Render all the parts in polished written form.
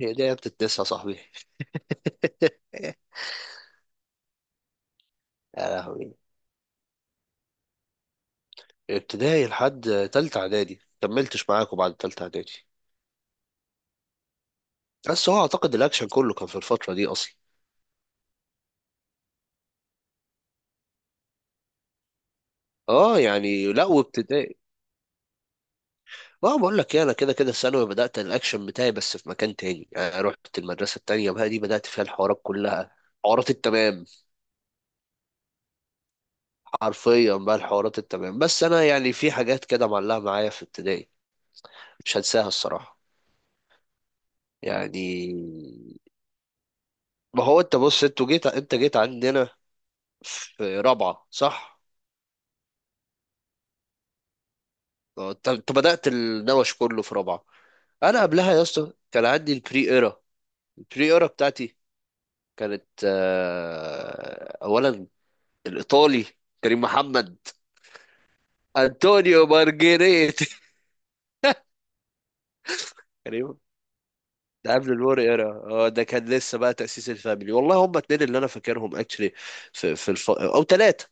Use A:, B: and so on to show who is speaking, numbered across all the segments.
A: هي دي ايام التسعة يا صاحبي. يا لهوي. ابتدائي لحد تالتة اعدادي، كملتش معاكم بعد تالتة اعدادي. بس هو اعتقد الاكشن كله كان في الفترة دي اصلا. اه، يعني لا، وابتدائي. اه، بقول لك ايه، انا كده كده ثانوي بدأت الاكشن بتاعي، بس في مكان تاني. يعني رحت المدرسة التانية بقى، دي بدأت فيها الحوارات كلها. حوارات التمام. حرفيا بقى الحوارات التمام. بس انا يعني في حاجات كده معلقة معايا في ابتدائي. مش هنساها الصراحة. يعني، ما هو انت بص، انت جيت عندنا في رابعة، صح؟ اه، انت بدأت النوش كله في رابعة. انا قبلها يا اسطى كان عندي البري ايرا. البري ايرا بتاعتي. كانت اولا، الايطالي، كريم محمد، انطونيو مارجريتي. كريم. ده قبل الور ايرا. اه، ده كان لسه بقى تأسيس الفاميلي. والله هم اتنين اللي انا فاكرهم اكشلي. في الف... او ثلاثة،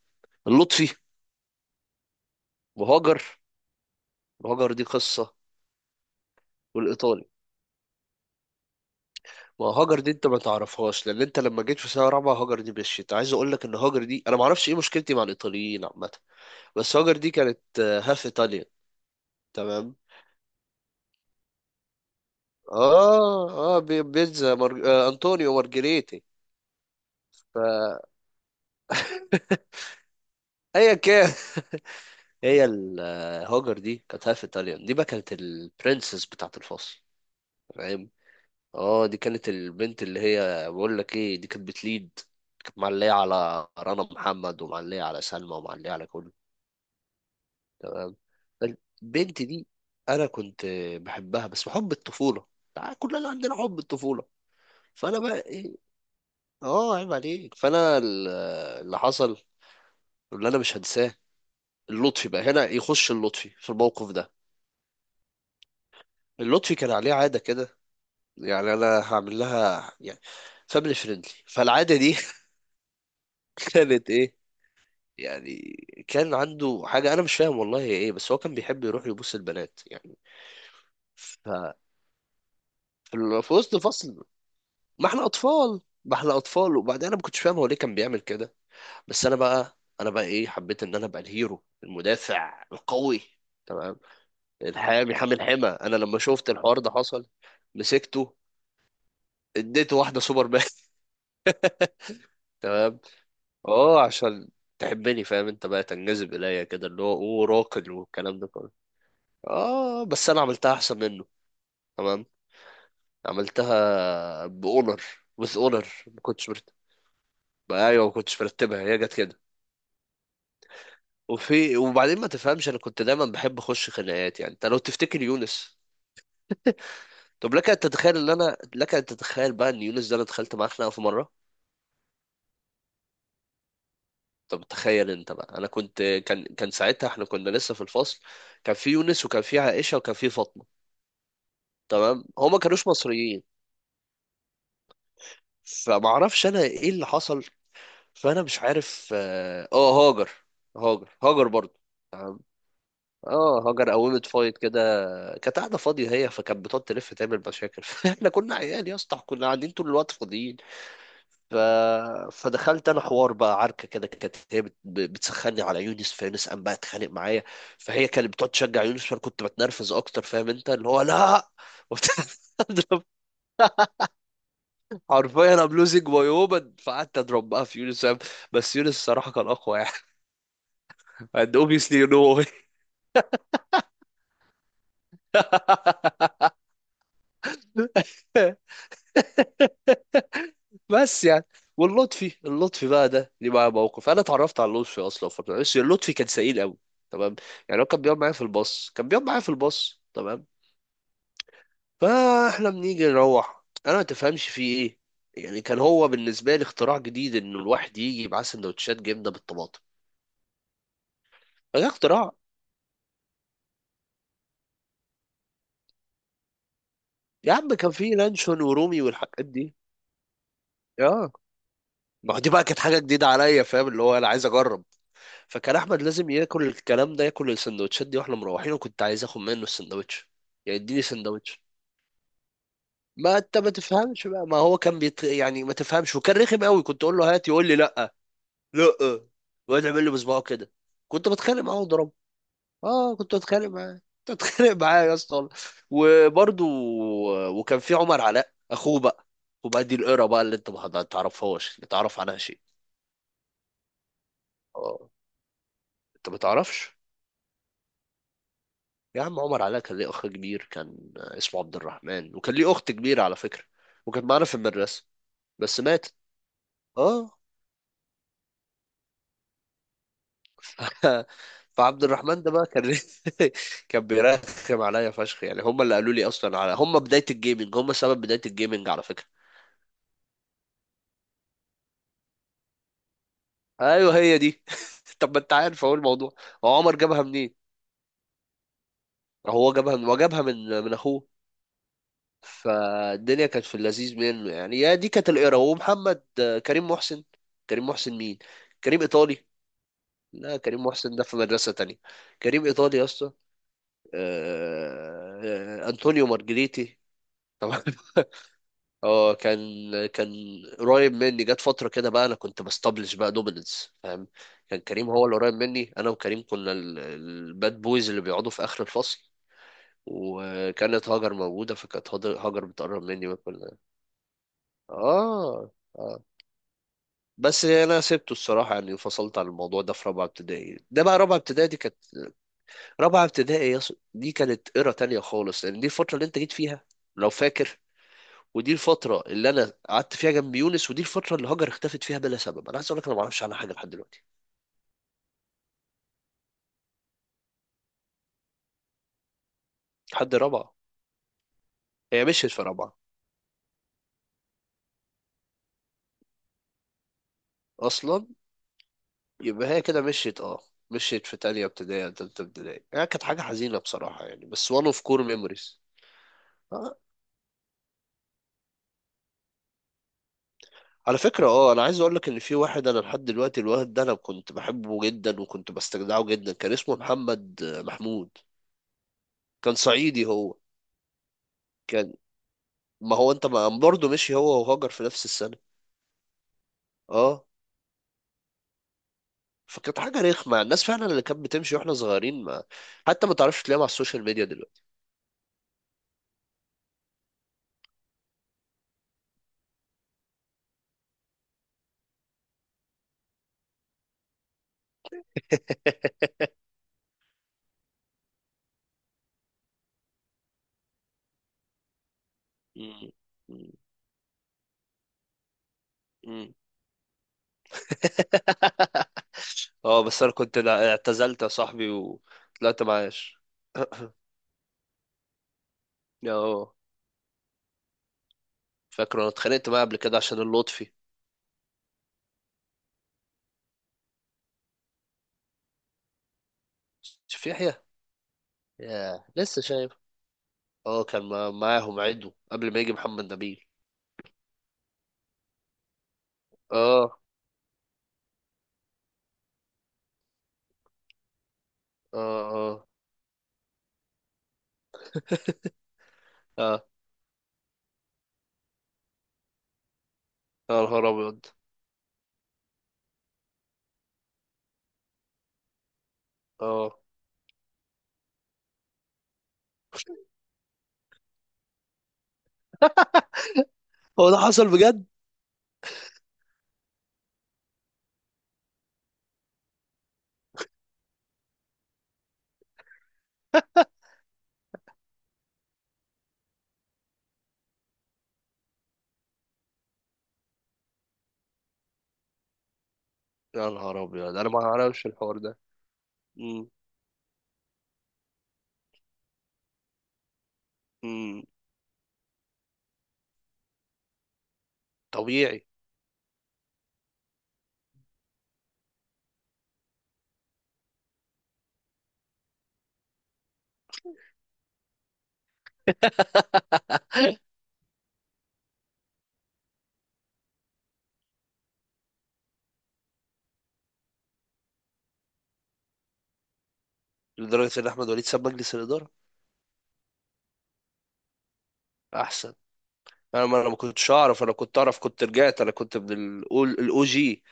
A: اللطفي، وهاجر. وهاجر دي قصة. والايطالي. ما هاجر دي انت ما تعرفهاش، لان انت لما جيت في سنه رابعه هاجر دي مشيت. عايز اقول لك ان هاجر دي، انا ما اعرفش ايه مشكلتي مع الايطاليين عامه. بس هاجر دي كانت هاف ايطاليا. تمام. اه اه، بي- بيتزا مارج... انطونيو مارجريتي. فايا كان. هي ال- هاجر دي كانت هاف ايطاليان، دي بقى كانت البرنسس بتاعت الفصل. فاهم. اه، دي كانت البنت اللي، هي بقول لك ايه، دي كانت بتليد. كانت معليه على رنا محمد، ومعليه على سلمى، ومعليه على كله. البنت دي، انا كنت بحبها، بس حب الطفوله. تع- كلنا عندنا حب الطفوله. فانا بقى ايه، اه عيب عليك، فانا ال- اللي حصل، واللي انا مش هنساه. اللطفي بقى هنا يخش، اللطفي في الموقف ده. اللطفي كان عليه عاده كده. يعني انا هعمل لها، يعني فاميلي فريندلي، فالعاده دي، كانت ايه، يعني، كان عنده حاجه انا مش فاهم والله هي ايه، بس هو كان بيحب يروح يبوس البنات، يعني. ف في ال- في وسط فصل. ما احنا اطفال، ما احنا اطفال، وبعدين انا ما كنتش فاهم هو ليه كان بيعمل كده. بس انا بقى ايه، حبيت ان انا ابقى الهيرو المدافع القوي. تمام. الحامي حامي الحمى. انا لما شفت الحوار ده حصل، مسكته، اديته واحده سوبر مان. تمام. اه، عشان تحبني، فاهم، انت بقى تنجذب اليا كده اللي هو اوه راقد والكلام ده كله. اه، بس انا عملتها احسن منه. تمام. عملتها باونر. وذ اونر، ما كنتش مرتب. ايوه، ما كنتش مرتبها، هي جت كده. وبعدين، ما تفهمش، انا كنت دايما بحب اخش خناقات. يعني انت لو تفتكر يونس، طب لك ان تتخيل بقى ان يونس ده انا دخلت معاه خناقه في مره. طب تخيل انت بقى، انا كنت، كان ساعتها احنا كنا لسه في الفصل. كان في يونس، وكان في عائشه، وكان في فاطمه. تمام. هما كانوش مصريين. فما اعرفش انا ايه اللي حصل. فانا مش عارف اه هاجر، هاجر برضه. اه، هاجر قومت فايت كده. كانت قاعده فاضيه هي، فكانت بتقعد تلف تعمل مشاكل. فاحنا كنا عيال يا اسطى، كنا قاعدين طول الوقت فاضيين. ف... فدخلت انا حوار بقى، عركه كده. كانت هي بت... بتسخني على يونس، فيونس قام بقى اتخانق معايا. فهي كانت بتقعد تشجع يونس، فانا كنت بتنرفز اكتر، فاهم انت، اللي هو لا، وبت- اضرب. حرفيا ام لوزنج ماي وومن. فقعدت اضرب بقى في يونس، فاهم؟ بس يونس الصراحه كان اقوى، يعني. and obviously you know. بس يعني، واللطفي بقى ده ليه معاه موقف. انا اتعرفت على اللطفي اصلا في فتره، بس اللطفي كان سئيل قوي. تمام. يعني هو كان بيقعد معايا في الباص، كان بيقعد معايا في الباص، تمام. فاحنا بنيجي نروح، انا ما تفهمش فيه ايه. يعني كان هو بالنسبه لي اختراع جديد، انه الواحد يجي معاه سندوتشات جبنه بالطماطم. فده اختراع. يا عم كان فيه لانشون ورومي والحاجات دي. اه، ما هو دي بقى كانت حاجه جديده عليا، فاهم، اللي هو انا عايز اجرب. فكان احمد لازم ياكل الكلام ده، ياكل السندوتشات دي واحنا مروحين، وكنت عايز اخد منه السندوتش. يعني اديني سندوتش. ما انت ما تفهمش بقى، ما هو كان بيت... يعني ما تفهمش، وكان رخم قوي. كنت اقول له هات، يقول لي لا. لا. ويقعد يعمل لي بصباعه كده. كنت بتخانق معاه واضربه. اه، كنت بتخانق معاه، كنت بتخانق معاه يا اسطى. وبرده، وكان في عمر علاء اخوه بقى. وبقى دي القرا بقى اللي انت ما تعرفهاش، اللي تعرف عنها شيء. اه، انت ما تعرفش. يا عم عمر علاء كان ليه اخ كبير، كان اسمه عبد الرحمن، وكان ليه اخت كبيره على فكره. وكانت معانا في المدرسه. بس ماتت. اه. فعبد الرحمن ده بقى كان كان بيرخم عليا فشخ. يعني هم اللي قالوا لي اصلا على، هم بدايه الجيمنج، هم سبب بدايه الجيمنج على فكره. ايوه، هي دي. طب ما انت عارف اهو الموضوع. هو عمر جابها منين؟ هو جابها من، وجابها من، من اخوه. فالدنيا كانت في اللذيذ منه. يعني يا دي كانت القرا، ومحمد كريم محسن. كريم محسن مين؟ كريم ايطالي. لا، كريم محسن ده في مدرسة تانية. كريم إيطالي يا اسطى. آه، أنطونيو مارجريتي. طبعا. اه، كان قريب مني. جت فترة كده بقى أنا كنت بستبلش بقى دوميننس، فاهم. كان كريم هو اللي قريب مني. أنا وكريم كنا ال- الباد بويز اللي بيقعدوا في آخر الفصل. وكانت هاجر موجودة، فكانت هاجر بتقرب مني بقى كل ده. اه اه، بس أنا سبته الصراحة. يعني انفصلت عن الموضوع ده في رابعة ابتدائي. ده بقى، رابعة ابتدائي دي كانت، رابعة ابتدائي يا اسطى دي كانت إيرا تانية خالص، لأن دي الفترة اللي أنت جيت فيها، لو فاكر. ودي الفترة اللي أنا قعدت فيها جنب يونس، ودي الفترة اللي هاجر اختفت فيها بلا سبب. أنا عايز أقول لك أنا ما أعرفش عنها حاجة لحد دلوقتي. لحد رابعة. هي مشيت في رابعة أصلا. يبقى هي كده مشيت، أه، مشيت في تانية ابتدائي أو تالتة ابتدائي. يعني كانت حاجة حزينة بصراحة، يعني. بس وان أوف كور ميموريز. آه. على فكرة، اه، انا عايز اقول لك ان في واحد، انا لحد دلوقتي الواد ده انا كنت بحبه جدا وكنت بستجدعه جدا. كان اسمه محمد محمود. كان صعيدي هو. كان، ما هو انت ما، برضه مشي هو وهاجر في نفس السنة. اه. فكانت حاجة رخمة، الناس فعلا اللي كانت بتمشي واحنا صغيرين، ما حتى ما تعرفش تلاقيهم على السوشيال ميديا دلوقتي. مم. مم. مم. اه، بس انا كنت لا- اعتزلت يا صاحبي وطلعت معاش. اه، فاكر انا اتخانقت معاه قبل كده عشان اللطفي. شوف يحيى. يا لسه شايف. اه، كان معاهم عدو قبل ما يجي محمد نبيل. اه، اه، اه، اه، يا نهار ابيض، اه. هو ده حصل بجد؟ يا نهار ابيض، انا ما اعرفش الحوار ده. امم. امم. طبيعي. لدرجه ان احمد وليد ساب مجلس الاداره. احسن. انا ما كنتش اعرف. انا كنت اعرف، كنت رجعت، انا كنت من الاول الاو جي.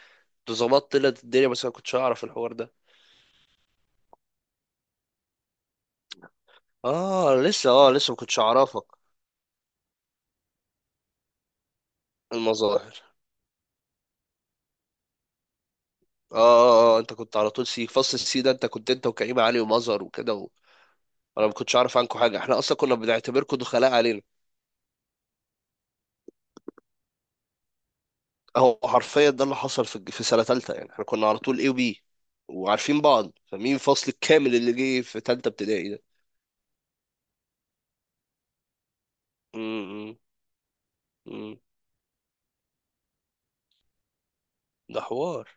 A: كنت ظبطت طلعت الدنيا، بس انا ما كنتش اعرف الحوار ده. اه لسه ما كنتش اعرفك. المظاهر. اه، اه، اه، انت كنت على طول سي، فصل السي ده، انت وكريم علي ومظهر وكده و... انا ما كنتش اعرف عنكم حاجه. احنا اصلا كنا بنعتبركم دخلاء علينا. هو حرفيا ده اللي حصل في سنة تالتة. يعني احنا كنا على طول اي وبي، وعارفين بعض. فمين الفصل الكامل اللي جه في تالتة ابتدائي ده؟ امم. امم. ده حوار.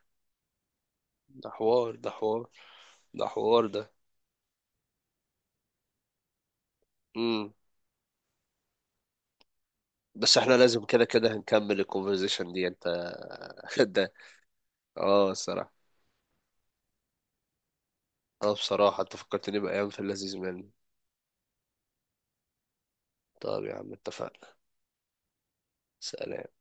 A: ده حوار، ده حوار. ده حوار ده. امم. بس احنا لازم كده كده هنكمل الكونفرزيشن دي، انت. ده، اه الصراحة. اه، بصراحة انت فكرتني بأيام في اللذيذ منه. طب يا عم، اتفقنا. سلام.